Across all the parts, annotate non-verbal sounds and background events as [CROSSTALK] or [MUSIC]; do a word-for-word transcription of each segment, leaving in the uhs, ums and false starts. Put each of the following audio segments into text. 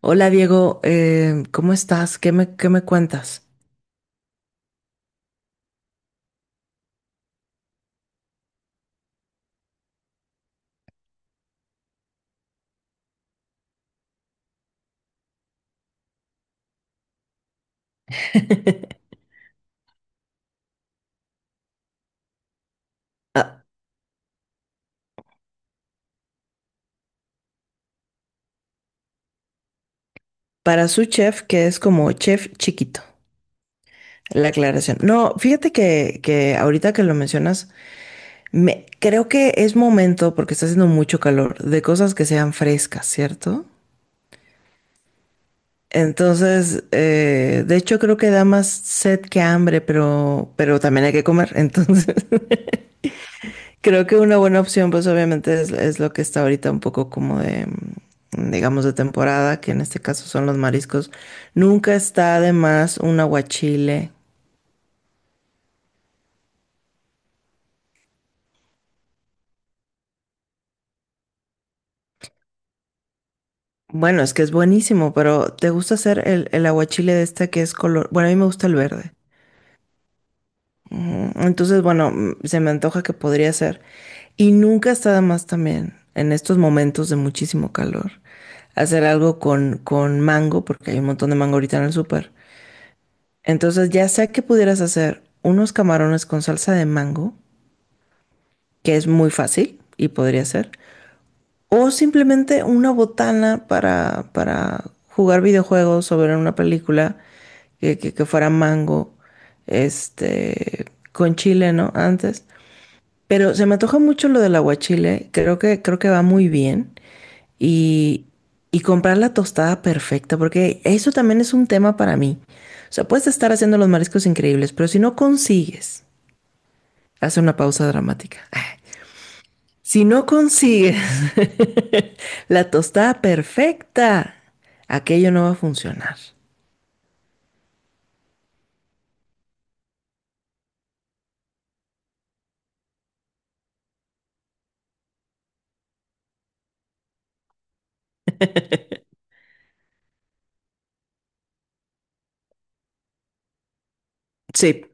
Hola Diego, eh, ¿cómo estás? ¿Qué me, qué me cuentas? [LAUGHS] Ah, para su chef, que es como chef chiquito, la aclaración. No, fíjate que, que ahorita que lo mencionas, me, creo que es momento, porque está haciendo mucho calor, de cosas que sean frescas, ¿cierto? Entonces, eh, de hecho creo que da más sed que hambre, pero, pero también hay que comer, [LAUGHS] entonces creo que una buena opción, pues obviamente es, es lo que está ahorita un poco como de, mm, digamos, de temporada, que en este caso son los mariscos. Nunca está además un aguachile. Bueno, es que es buenísimo, pero ¿te gusta hacer el, el aguachile de este que es color? Bueno, a mí me gusta el verde. Ujú. Entonces, bueno, mm, se me antoja que podría ser. Y nunca está de más también, en estos momentos de muchísimo calor, hacer algo con, con mango, porque hay un montón de mango ahorita en el súper. Entonces ya sea que pudieras hacer unos camarones con salsa de mango, que es muy fácil y podría ser, o simplemente una botana para, para jugar videojuegos o ver una película que, que- que fuera mango, este, con chile, ¿no? Antes. Pero se me antoja mucho lo del aguachile, creo que, creo que va muy bien. Y, y comprar la tostada perfecta, porque eso también es un tema para mí. O sea, puedes estar haciendo los mariscos increíbles, pero si no consigues, hace una pausa dramática. [LAUGHS] Si no consigues [LAUGHS] la tostada perfecta, aquello no va a funcionar. Sí.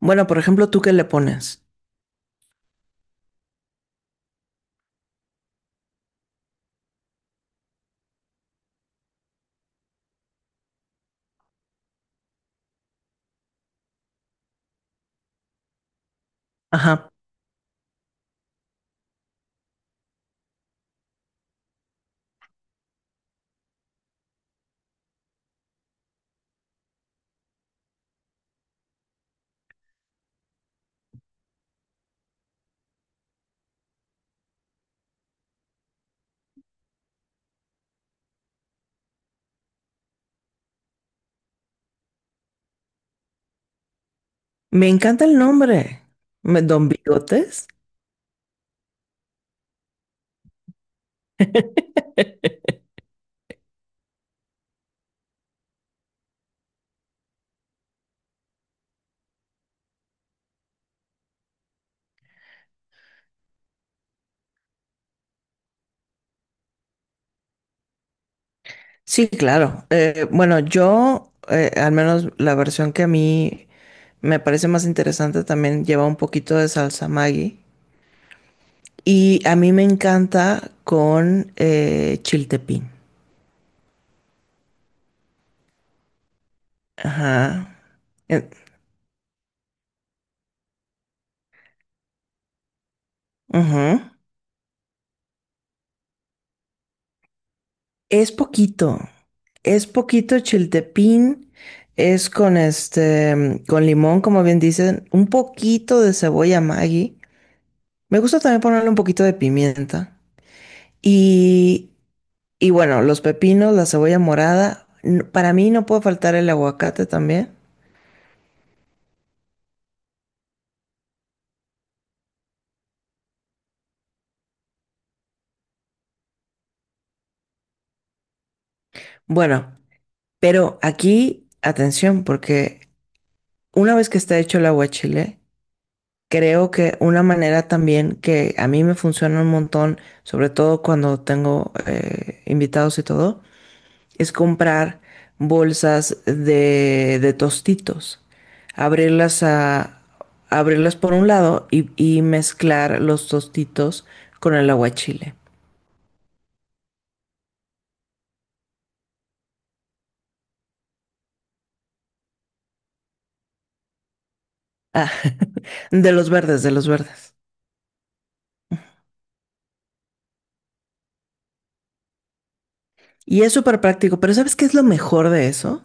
Bueno, por ejemplo, ¿tú qué le pones? Ajá. Me encanta el nombre. Me- ¿Don Bigotes? Sí, claro. Eh, bueno, yo, eh, al menos la versión que a mí me parece más interesante también lleva un poquito de salsa Maggi. Y a mí me encanta con eh, chiltepín. Ajá. Eh, ujú. Es poquito. Es poquito chiltepín. Es con este, con limón, como bien dicen, un poquito de cebolla Maggi. Me gusta también ponerle un poquito de pimienta. Y y bueno, los pepinos, la cebolla morada. n- Para mí no puede faltar el aguacate también. Bueno, pero aquí, atención, porque una vez que está hecho el aguachile, creo que una manera también que a mí me funciona un montón, sobre todo cuando tengo eh, invitados y todo, es comprar bolsas de, de tostitos, abrirlas a, abrirlas por un lado y, y mezclar los tostitos con el aguachile. Ah, [LAUGHS] de los verdes, de los verdes. Y es súper práctico, pero ¿sabes qué es lo mejor de eso?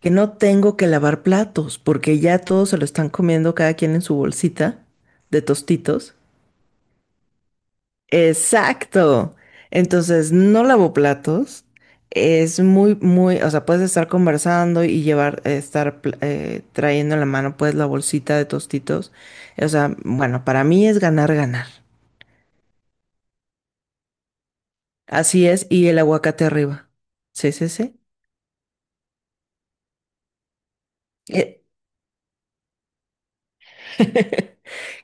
Que no tengo que lavar platos, porque ya todos se lo están comiendo cada quien en su bolsita de tostitos. Exacto. Entonces, no lavo platos. Es muy, muy, o sea, puedes estar conversando y llevar, eh, estar pl- eh, trayendo en la mano, pues, la bolsita de tostitos. O sea, bueno, para mí es ganar, ganar. Así es, y el aguacate arriba. Sí, sí, sí. E- [LAUGHS]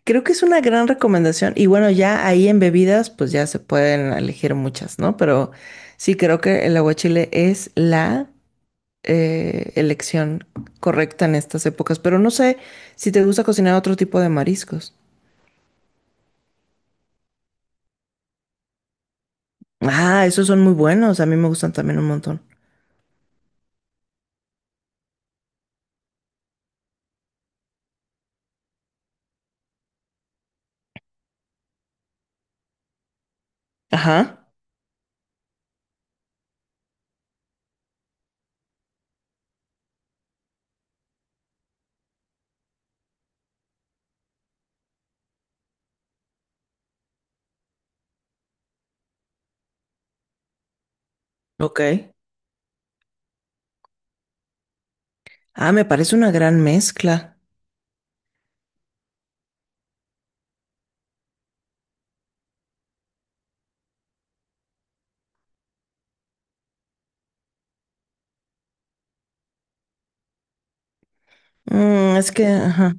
Creo que es una gran recomendación. Y bueno, ya ahí en bebidas, pues ya se pueden elegir muchas, ¿no? Pero sí creo que el aguachile es la eh, elección correcta en estas épocas. Pero no sé si te gusta cocinar otro tipo de mariscos. Ah, esos son muy buenos. A mí me gustan también un montón. Ajá. Ok. Ah, me parece una gran mezcla. Mm, es que, ajá.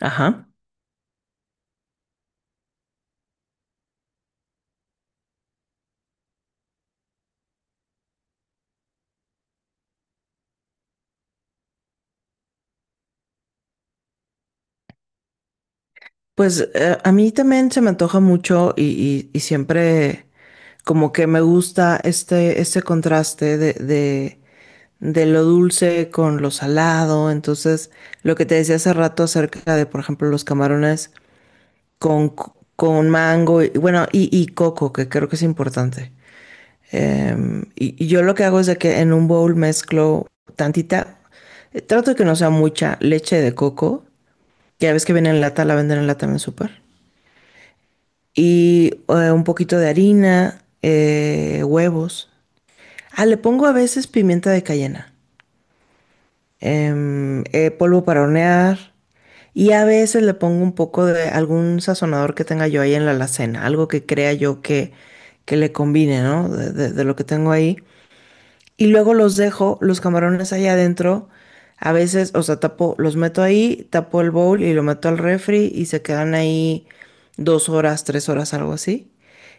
Ajá. Pues eh, a mí también se me antoja mucho y, y y siempre. Como que me gusta este, este contraste de, de, de lo dulce con lo salado. Entonces, lo que te decía hace rato acerca de, por ejemplo, los camarones con, c- con mango y bueno, y, y coco, que creo que es importante. Em, y, y yo lo que hago es de que en un bowl mezclo tantita, eh, trato de que no sea mucha leche de coco, que ya ves que viene en lata, la venden en lata en el súper. Y eh, un poquito de harina, eh, huevos. Ah, le pongo a veces pimienta de cayena, em, eh, polvo para hornear y a veces le pongo un poco de algún sazonador que tenga yo ahí en la alacena, algo que crea yo que, que le combine, ¿no? De, de- de lo que tengo ahí. Y luego los dejo, los camarones ahí adentro. A veces, o sea, tapo, los meto ahí, tapo el bowl y lo meto al refri y se quedan ahí dos horas, tres horas, algo así.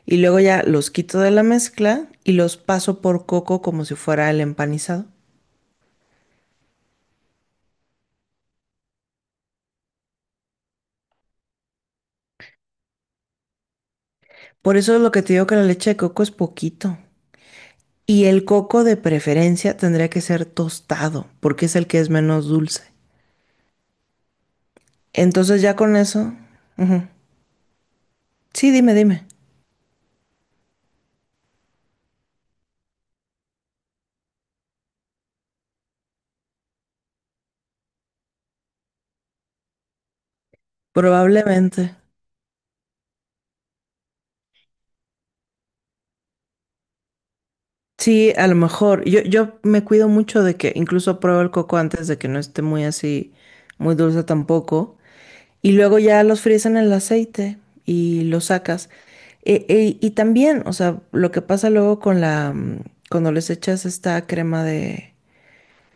Y luego ya los quito de la mezcla y los paso por coco como si fuera el empanizado. Por eso es lo que te digo que la leche de coco es poquito. Y el coco de preferencia tendría que ser tostado, porque es el que es menos dulce. Entonces ya con eso... ujú. Sí, dime, dime. Probablemente. Sí, a lo mejor. Yo, yo me cuido mucho de que incluso pruebo el coco antes de que no esté muy así, muy dulce tampoco. Y luego ya los fríes en el aceite y los sacas. E- e- y también, o sea, lo que pasa luego con la, mm, cuando les echas esta crema de,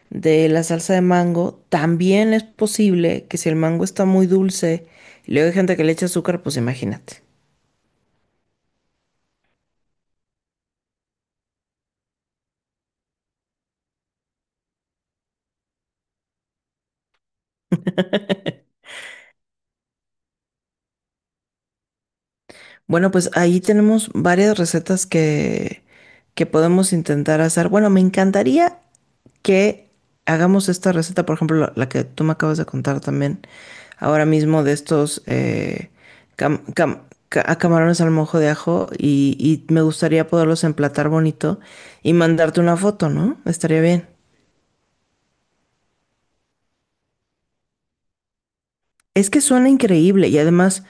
de la salsa de mango, también es posible que si el mango está muy dulce y luego hay gente que le echa azúcar, pues imagínate. Bueno, pues ahí tenemos varias recetas que, que podemos intentar hacer. Bueno, me encantaría que hagamos esta receta, por ejemplo, la, la que tú me acabas de contar también ahora mismo de estos eh, cam- cam- ca- a camarones al mojo de ajo y, y me gustaría poderlos emplatar bonito y mandarte una foto, ¿no? Estaría bien. Es que suena increíble y además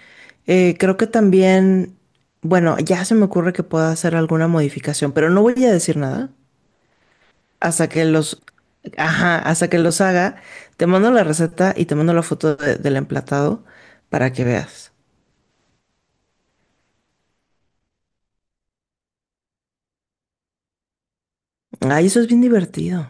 eh, creo que también, bueno, ya se me ocurre que pueda hacer alguna modificación, pero no voy a decir nada hasta que los, ajá, hasta que los haga. Te mando la receta y te mando la foto de- del emplatado para que veas. Ay, eso es bien divertido.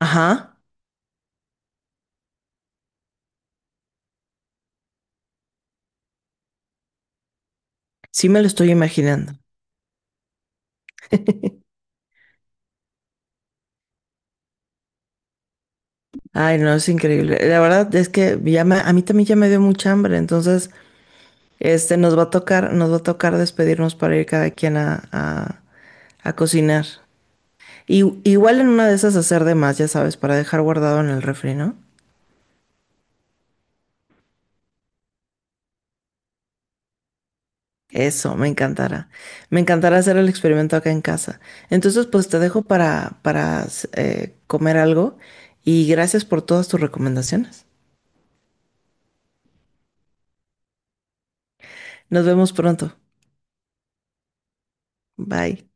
Ajá, sí me lo estoy imaginando. [LAUGHS] Ay, no, es increíble. La verdad es que ya me- a mí también ya me dio mucha hambre, entonces, este, nos va a tocar, nos va a tocar despedirnos para ir cada quien a, a- a cocinar. Y, igual en una de esas hacer de más, ya sabes, para dejar guardado en el refri, ¿no? Eso, me encantará. Me encantará hacer el experimento acá en casa. Entonces, pues te dejo para, para eh, comer algo y gracias por todas tus recomendaciones. Nos vemos pronto. Bye.